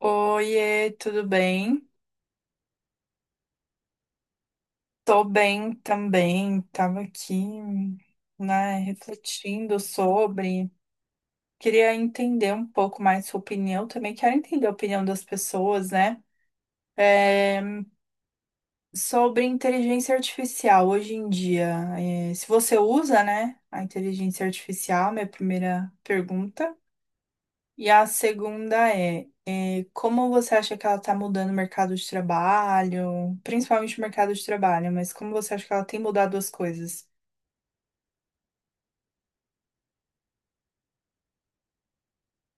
Oiê, tudo bem? Tô bem também. Tava aqui, né, refletindo sobre. Queria entender um pouco mais sua opinião também. Quero entender a opinião das pessoas, né? É, sobre inteligência artificial hoje em dia. É, se você usa, né, a inteligência artificial, minha primeira pergunta. E a segunda é, como você acha que ela está mudando o mercado de trabalho, principalmente o mercado de trabalho, mas como você acha que ela tem mudado as coisas?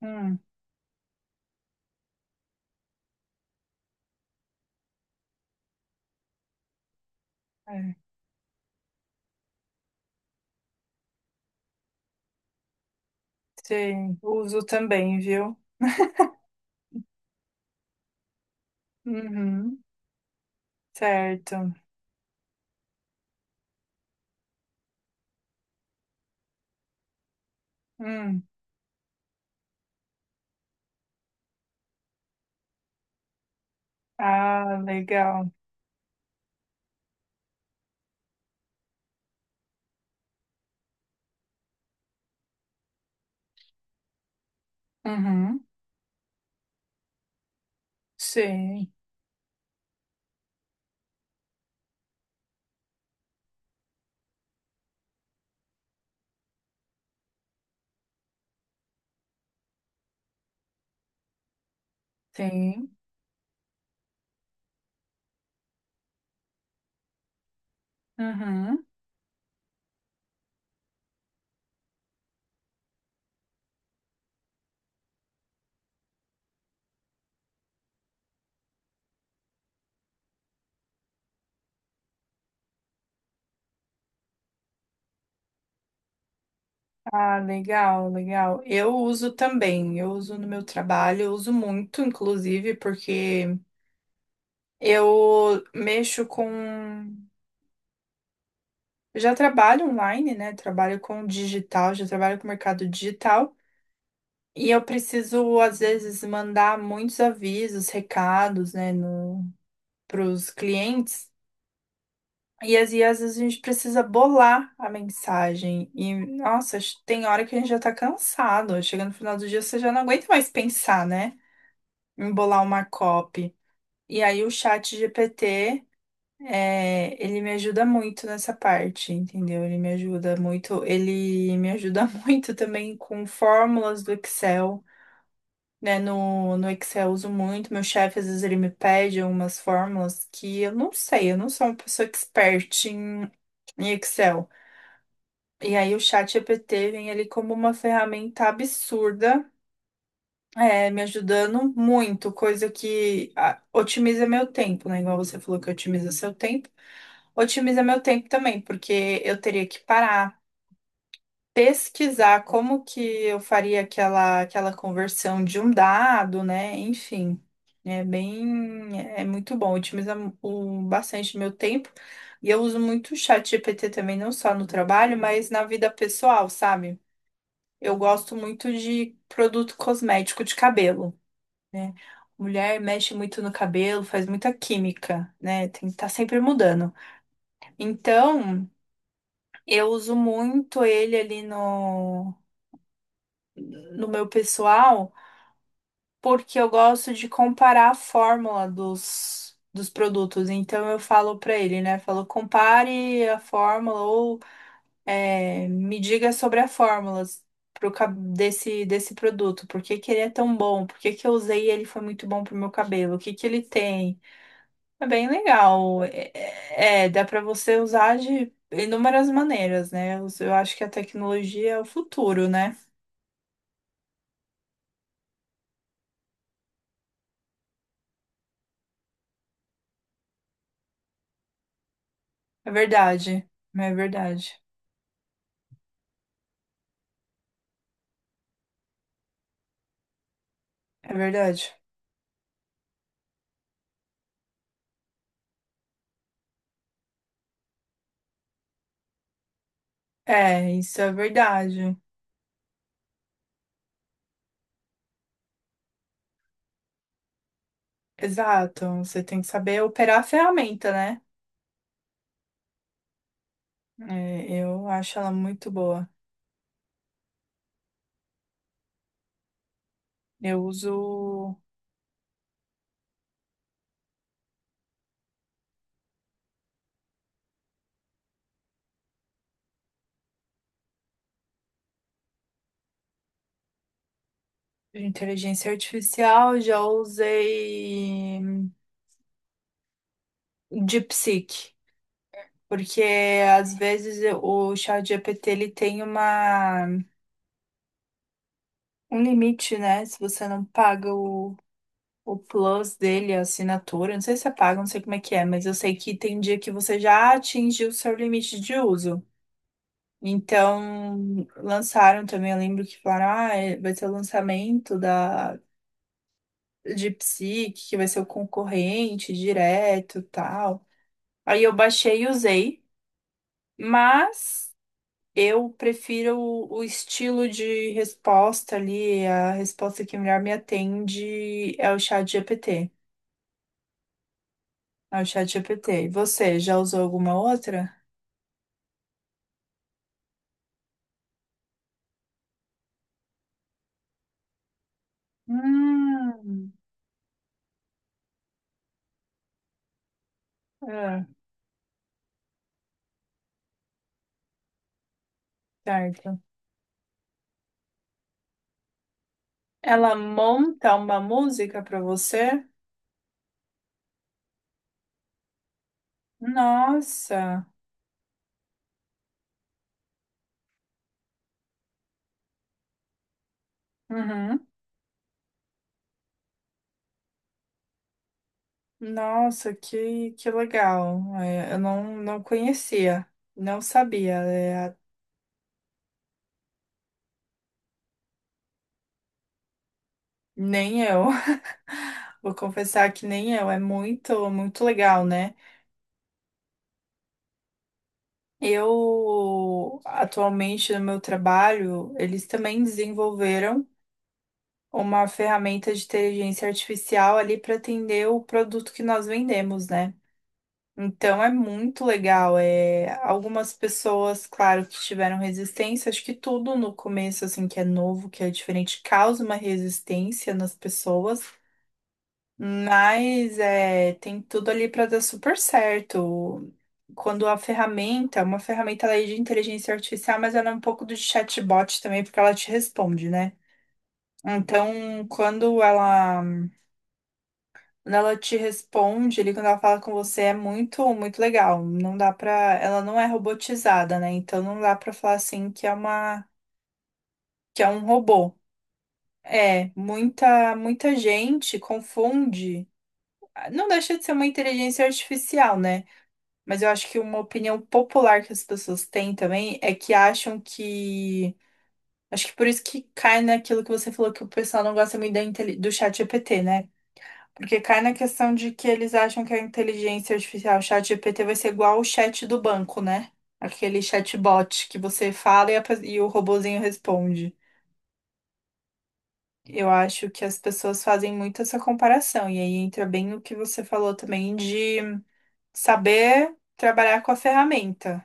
Hum, é, sim, uso também, viu? Uhum, certo. Hum, ah, legal. Uhum, sim, sim. Uhum. Ah, legal, legal. Eu uso também, eu uso no meu trabalho, eu uso muito, inclusive, porque eu mexo com Eu já trabalho online, né? Trabalho com digital, já trabalho com mercado digital. E eu preciso, às vezes, mandar muitos avisos, recados, né, para os clientes. E às vezes a gente precisa bolar a mensagem. E, nossa, tem hora que a gente já tá cansado. Chega no final do dia, você já não aguenta mais pensar, né? Em bolar uma copy. E aí o chat GPT. É, ele me ajuda muito nessa parte, entendeu? Ele me ajuda muito, ele me ajuda muito também com fórmulas do Excel, né? No Excel eu uso muito, meu chefe às vezes ele me pede algumas fórmulas que eu não sei, eu não sou uma pessoa expert em, Excel. E aí o chat GPT vem ali como uma ferramenta absurda, é, me ajudando muito, coisa que ah, otimiza meu tempo, né? Igual você falou que otimiza seu tempo. Otimiza meu tempo também, porque eu teria que parar, pesquisar como que eu faria aquela conversão de um dado, né? Enfim, é bem, é muito bom, otimiza bastante meu tempo. E eu uso muito o ChatGPT também, não só no trabalho, mas na vida pessoal, sabe? Eu gosto muito de produto cosmético de cabelo, né? Mulher mexe muito no cabelo, faz muita química, né? Tem que estar sempre mudando. Então, eu uso muito ele ali no, meu pessoal, porque eu gosto de comparar a fórmula dos produtos. Então eu falo para ele, né? Falo, compare a fórmula ou é, me diga sobre a fórmula desse produto. Por que que ele é tão bom? Por que que eu usei e ele foi muito bom pro meu cabelo? O que que ele tem? É bem legal. É, dá para você usar de inúmeras maneiras, né? Eu acho que a tecnologia é o futuro, né? É verdade. É verdade. É verdade. É, isso é verdade. Exato. Você tem que saber operar a ferramenta, né? É, eu acho ela muito boa. Eu uso inteligência artificial, já usei DeepSeek, porque às vezes o ChatGPT ele tem uma um limite, né? Se você não paga o, plus dele, a assinatura, não sei se você paga, não sei como é que é, mas eu sei que tem dia que você já atingiu o seu limite de uso. Então, lançaram também, eu lembro que falaram, ah, vai ser o lançamento da de Psy, que vai ser o concorrente direto, e tal. Aí eu baixei e usei, mas eu prefiro o, estilo de resposta ali, a resposta que melhor me atende é o chat GPT. É o chat GPT. E você, já usou alguma outra? Hum, ah, certo. Ela monta uma música para você? Nossa. Uhum. Nossa, que, legal. É, eu não conhecia, não sabia, é, nem eu. Vou confessar que nem eu. É muito, muito legal, né? Eu, atualmente, no meu trabalho, eles também desenvolveram uma ferramenta de inteligência artificial ali para atender o produto que nós vendemos, né? Então é muito legal. É, algumas pessoas, claro, que tiveram resistência, acho que tudo no começo, assim, que é novo, que é diferente, causa uma resistência nas pessoas, mas é, tem tudo ali para dar super certo quando uma ferramenta ela é de inteligência artificial, mas ela é um pouco do chatbot também, porque ela te responde, né? Então, quando ela te responde, ali quando ela fala com você, é muito, muito legal. Não dá pra, ela não é robotizada, né? Então não dá pra falar assim que é um robô. É, muita, muita gente confunde. Não deixa de ser uma inteligência artificial, né? Mas eu acho que uma opinião popular que as pessoas têm também é que acham que Acho que por isso que cai naquilo que você falou que o pessoal não gosta muito do chat GPT, né? Porque cai na questão de que eles acham que a inteligência artificial, o chat GPT, vai ser igual o chat do banco, né? Aquele chatbot que você fala e o robozinho responde. Eu acho que as pessoas fazem muito essa comparação. E aí entra bem o que você falou também de saber trabalhar com a ferramenta.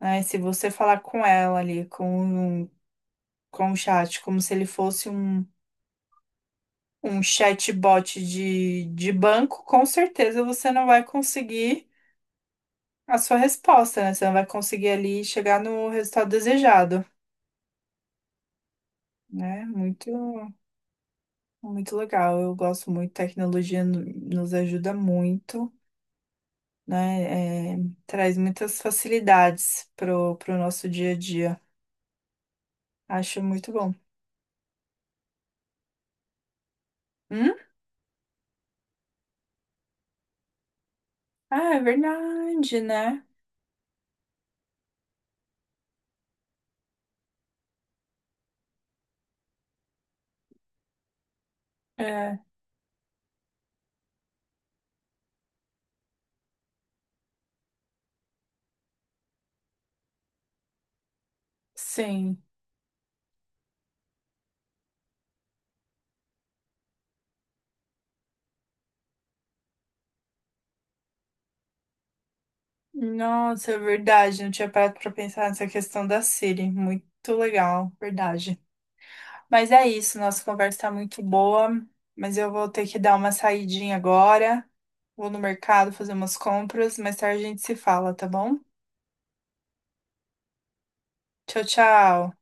Né? Se você falar com ela ali, com o chat, como se ele fosse um chatbot de banco, com certeza você não vai conseguir a sua resposta, né? Você não vai conseguir ali chegar no resultado desejado, né? Muito, muito legal. Eu gosto muito, tecnologia nos ajuda muito, né? É, traz muitas facilidades pro nosso dia a dia. Acho muito bom. Hum? Ah, é verdade, né? É, sim. Nossa, é verdade. Não tinha parado pra pensar nessa questão da Siri. Muito legal, verdade. Mas é isso, nossa conversa tá muito boa, mas eu vou ter que dar uma saidinha agora. Vou no mercado fazer umas compras. Mais tarde a gente se fala, tá bom? Tchau, tchau.